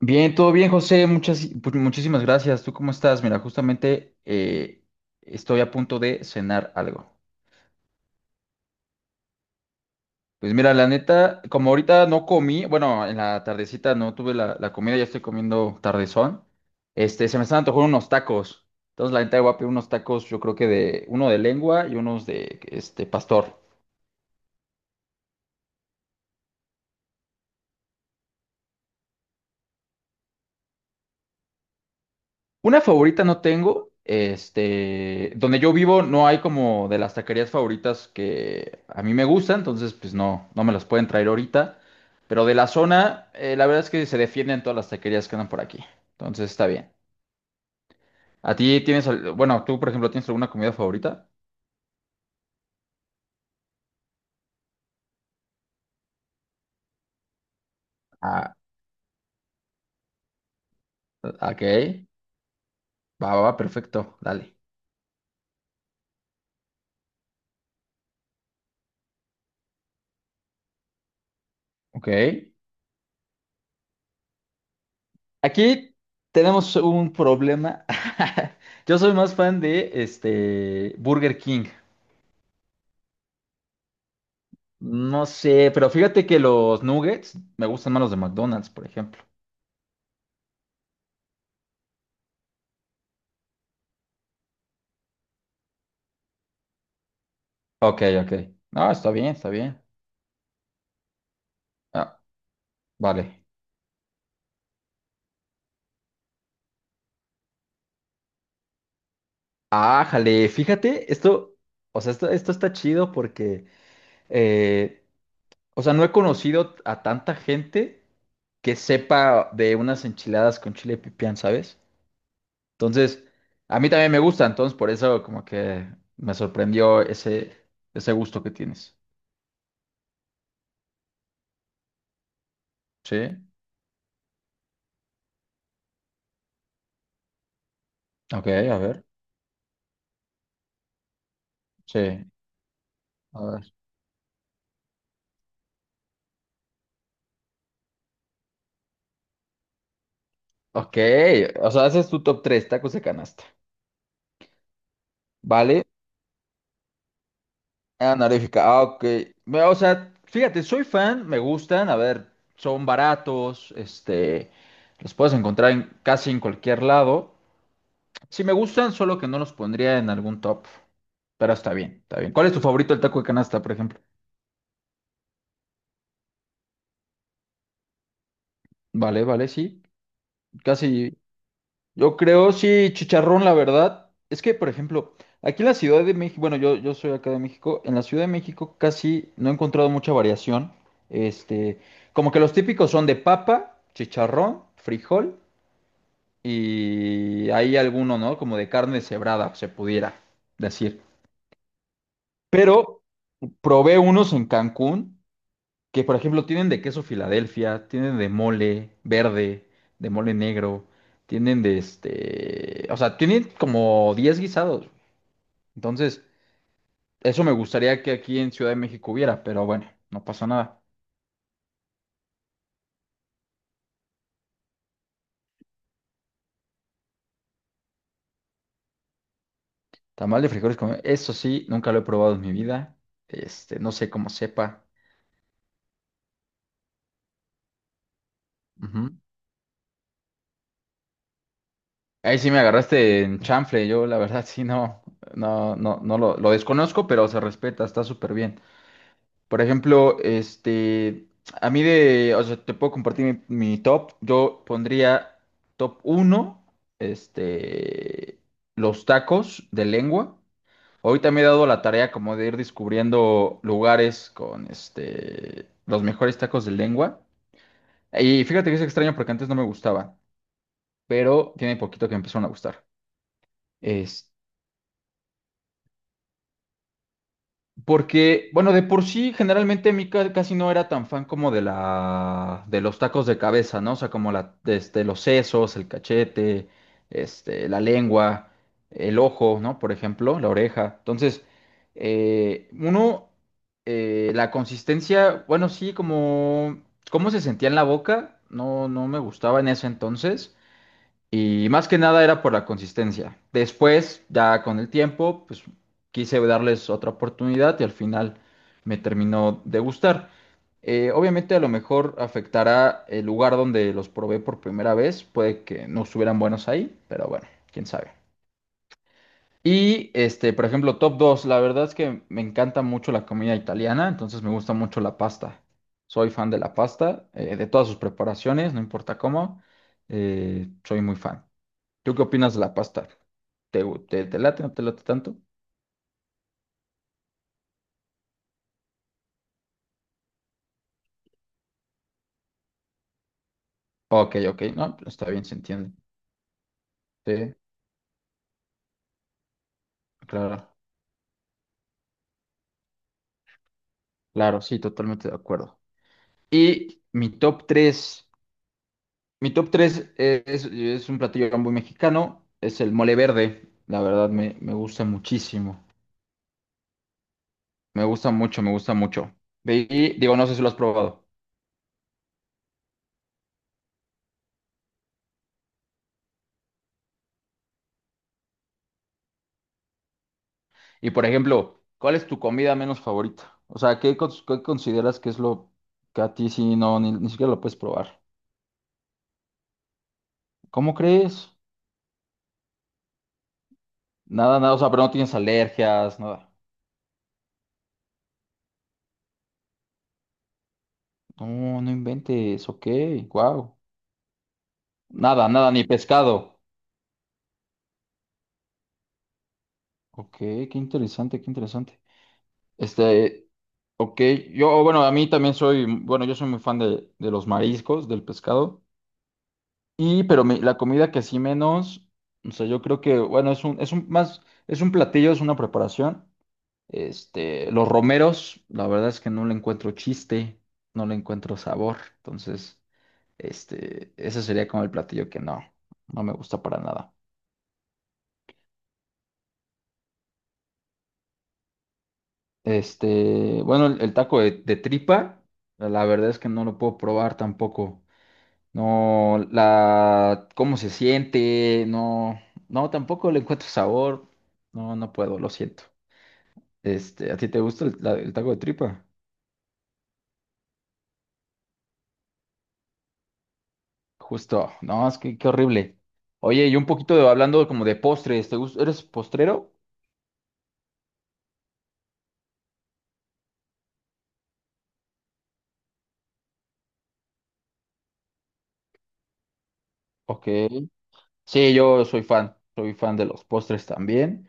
Bien, todo bien, José. Pues, muchísimas gracias. ¿Tú cómo estás? Mira, justamente estoy a punto de cenar algo. Pues mira, la neta, como ahorita no comí, bueno, en la tardecita no tuve la comida, ya estoy comiendo tardezón. Se me están antojando unos tacos. Entonces, la neta, voy a pedir unos tacos, yo creo que de uno de lengua y unos de pastor. Una favorita no tengo. Donde yo vivo no hay como de las taquerías favoritas que a mí me gustan, entonces pues no me las pueden traer ahorita. Pero de la zona, la verdad es que se defienden todas las taquerías que andan por aquí. Entonces está bien. ¿A ti tienes, al- Bueno, tú por ejemplo, ¿tienes alguna comida favorita? Ah, ok. Va, va, va, perfecto. Dale. Ok. Aquí tenemos un problema. Yo soy más fan de Burger King. No sé, pero fíjate que los nuggets me gustan más los de McDonald's, por ejemplo. Ok, ok. Ah, está bien, está bien. Ah, vale. Ah, jale, fíjate, esto, o sea, esto está chido porque, eh, o sea, no he conocido a tanta gente que sepa de unas enchiladas con chile pipián, ¿sabes? Entonces, a mí también me gusta, entonces por eso como que me sorprendió ese gusto que tienes. Sí, ok, a ver. Sí, a ver. Ok, o sea, ese es tu top 3, tacos de canasta. ¿Vale? Anaréfica, ah, ok. Mira, o sea, fíjate, soy fan, me gustan, a ver, son baratos, los puedes encontrar en, casi en cualquier lado. Sí me gustan, solo que no los pondría en algún top, pero está bien, está bien. ¿Cuál es tu favorito el taco de canasta, por ejemplo? Vale, vale, sí, casi. Yo creo, sí, chicharrón, la verdad. Es que, por ejemplo, aquí en la Ciudad de México, bueno, yo soy acá de México, en la Ciudad de México casi no he encontrado mucha variación. Este, Como que los típicos son de papa, chicharrón, frijol y hay alguno, ¿no? Como de carne cebrada, se pudiera decir. Pero probé unos en Cancún. Que por ejemplo tienen de queso Filadelfia, tienen de mole verde, de mole negro, o sea, tienen como 10 guisados. Entonces, eso me gustaría que aquí en Ciudad de México hubiera, pero bueno, no pasa nada. Tamal de frijoles con... Eso sí, nunca lo he probado en mi vida. No sé cómo sepa. Ujú. Ahí sí me agarraste en chanfle, yo la verdad sí no, no, no, no lo desconozco, pero se respeta, está súper bien. Por ejemplo, o sea, te puedo compartir mi top. Yo pondría top uno, este, los tacos de lengua. Ahorita me he dado la tarea como de ir descubriendo lugares con, los mejores tacos de lengua. Y fíjate que es extraño porque antes no me gustaba, pero tiene poquito que me empezaron a gustar. Porque, bueno, de por sí, generalmente casi no era tan fan como de de los tacos de cabeza, ¿no? O sea, como los sesos, el cachete, la lengua, el ojo, ¿no? Por ejemplo, la oreja. Entonces, uno, la consistencia, bueno, sí, cómo se sentía en la boca, no me gustaba en ese entonces. Y más que nada era por la consistencia. Después, ya con el tiempo, pues quise darles otra oportunidad y al final me terminó de gustar. Obviamente a lo mejor afectará el lugar donde los probé por primera vez. Puede que no estuvieran buenos ahí, pero bueno, quién sabe. Y por ejemplo, top 2 la verdad es que me encanta mucho la comida italiana, entonces me gusta mucho la pasta. Soy fan de la pasta, de todas sus preparaciones, no importa cómo, soy muy fan. ¿Tú qué opinas de la pasta? ¿Te late, no te late tanto? Ok, ok, no, pues está bien, se entiende. Sí, claro, claro, sí, totalmente de acuerdo. Y mi top tres es un platillo muy mexicano, es el mole verde, la verdad me gusta muchísimo, me gusta mucho, me gusta mucho. Y digo, no sé si lo has probado. Y por ejemplo, ¿cuál es tu comida menos favorita? O sea, ¿qué consideras que es lo que a ti sí no, ni siquiera lo puedes probar? ¿Cómo crees? Nada, nada, o sea, pero no tienes alergias, nada. No, no inventes, ok, wow. Nada, nada, ni pescado. Ok, qué interesante, qué interesante. Este, ok, yo, bueno, a mí también soy, bueno, yo soy muy fan de, los mariscos, del pescado. Y, pero la comida que sí menos, o sea, yo creo que, bueno, es un platillo, es una preparación. Los romeros, la verdad es que no le encuentro chiste, no le encuentro sabor, entonces. Ese sería como el platillo que no me gusta para nada. Bueno, el taco de, tripa, la verdad es que no lo puedo probar tampoco. No, cómo se siente, no, tampoco le encuentro sabor. No, no puedo, lo siento. ¿A ti te gusta el taco de tripa? Justo, no, es que qué horrible. Oye, y un poquito hablando como de postres, ¿te gusta? ¿Eres postrero? Ok. Sí, yo soy fan de los postres también.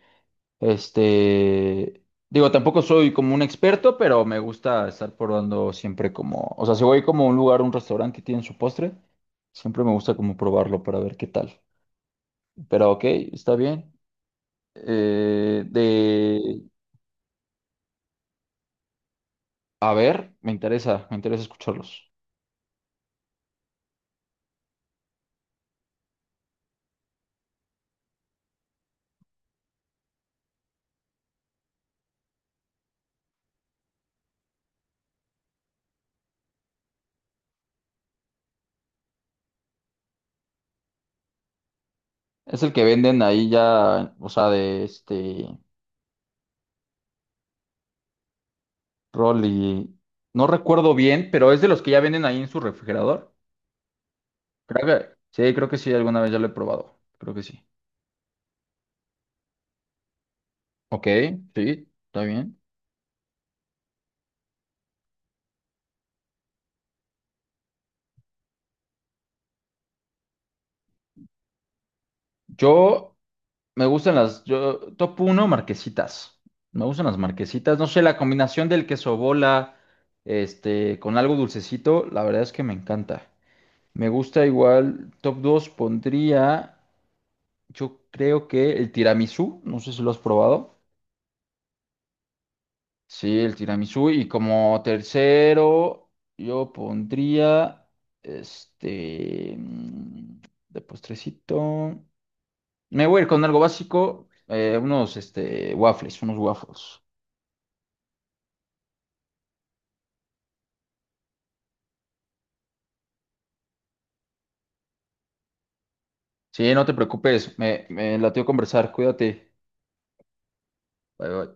Este, Digo, tampoco soy como un experto, pero me gusta estar probando siempre como, o sea, si voy como a un lugar, un restaurante que tiene su postre, siempre me gusta como probarlo para ver qué tal. Pero ok, está bien. Eh, de, a ver, me interesa escucharlos. Es el que venden ahí ya, o sea, de este rol y no recuerdo bien, pero es de los que ya venden ahí en su refrigerador. Creo que, sí, creo que sí, alguna vez ya lo he probado. Creo que sí. Ok, sí, está bien. Yo me gustan top uno marquesitas. Me gustan las marquesitas. No sé, la combinación del queso bola, con algo dulcecito, la verdad es que me encanta. Me gusta igual, top 2 pondría, yo creo que el tiramisú, no sé si lo has probado. Sí, el tiramisú. Y como tercero, yo pondría, este, mm, de postrecito. Me voy a ir con algo básico, unos waffles. Sí, no te preocupes, me latió conversar, cuídate. Bye, bye.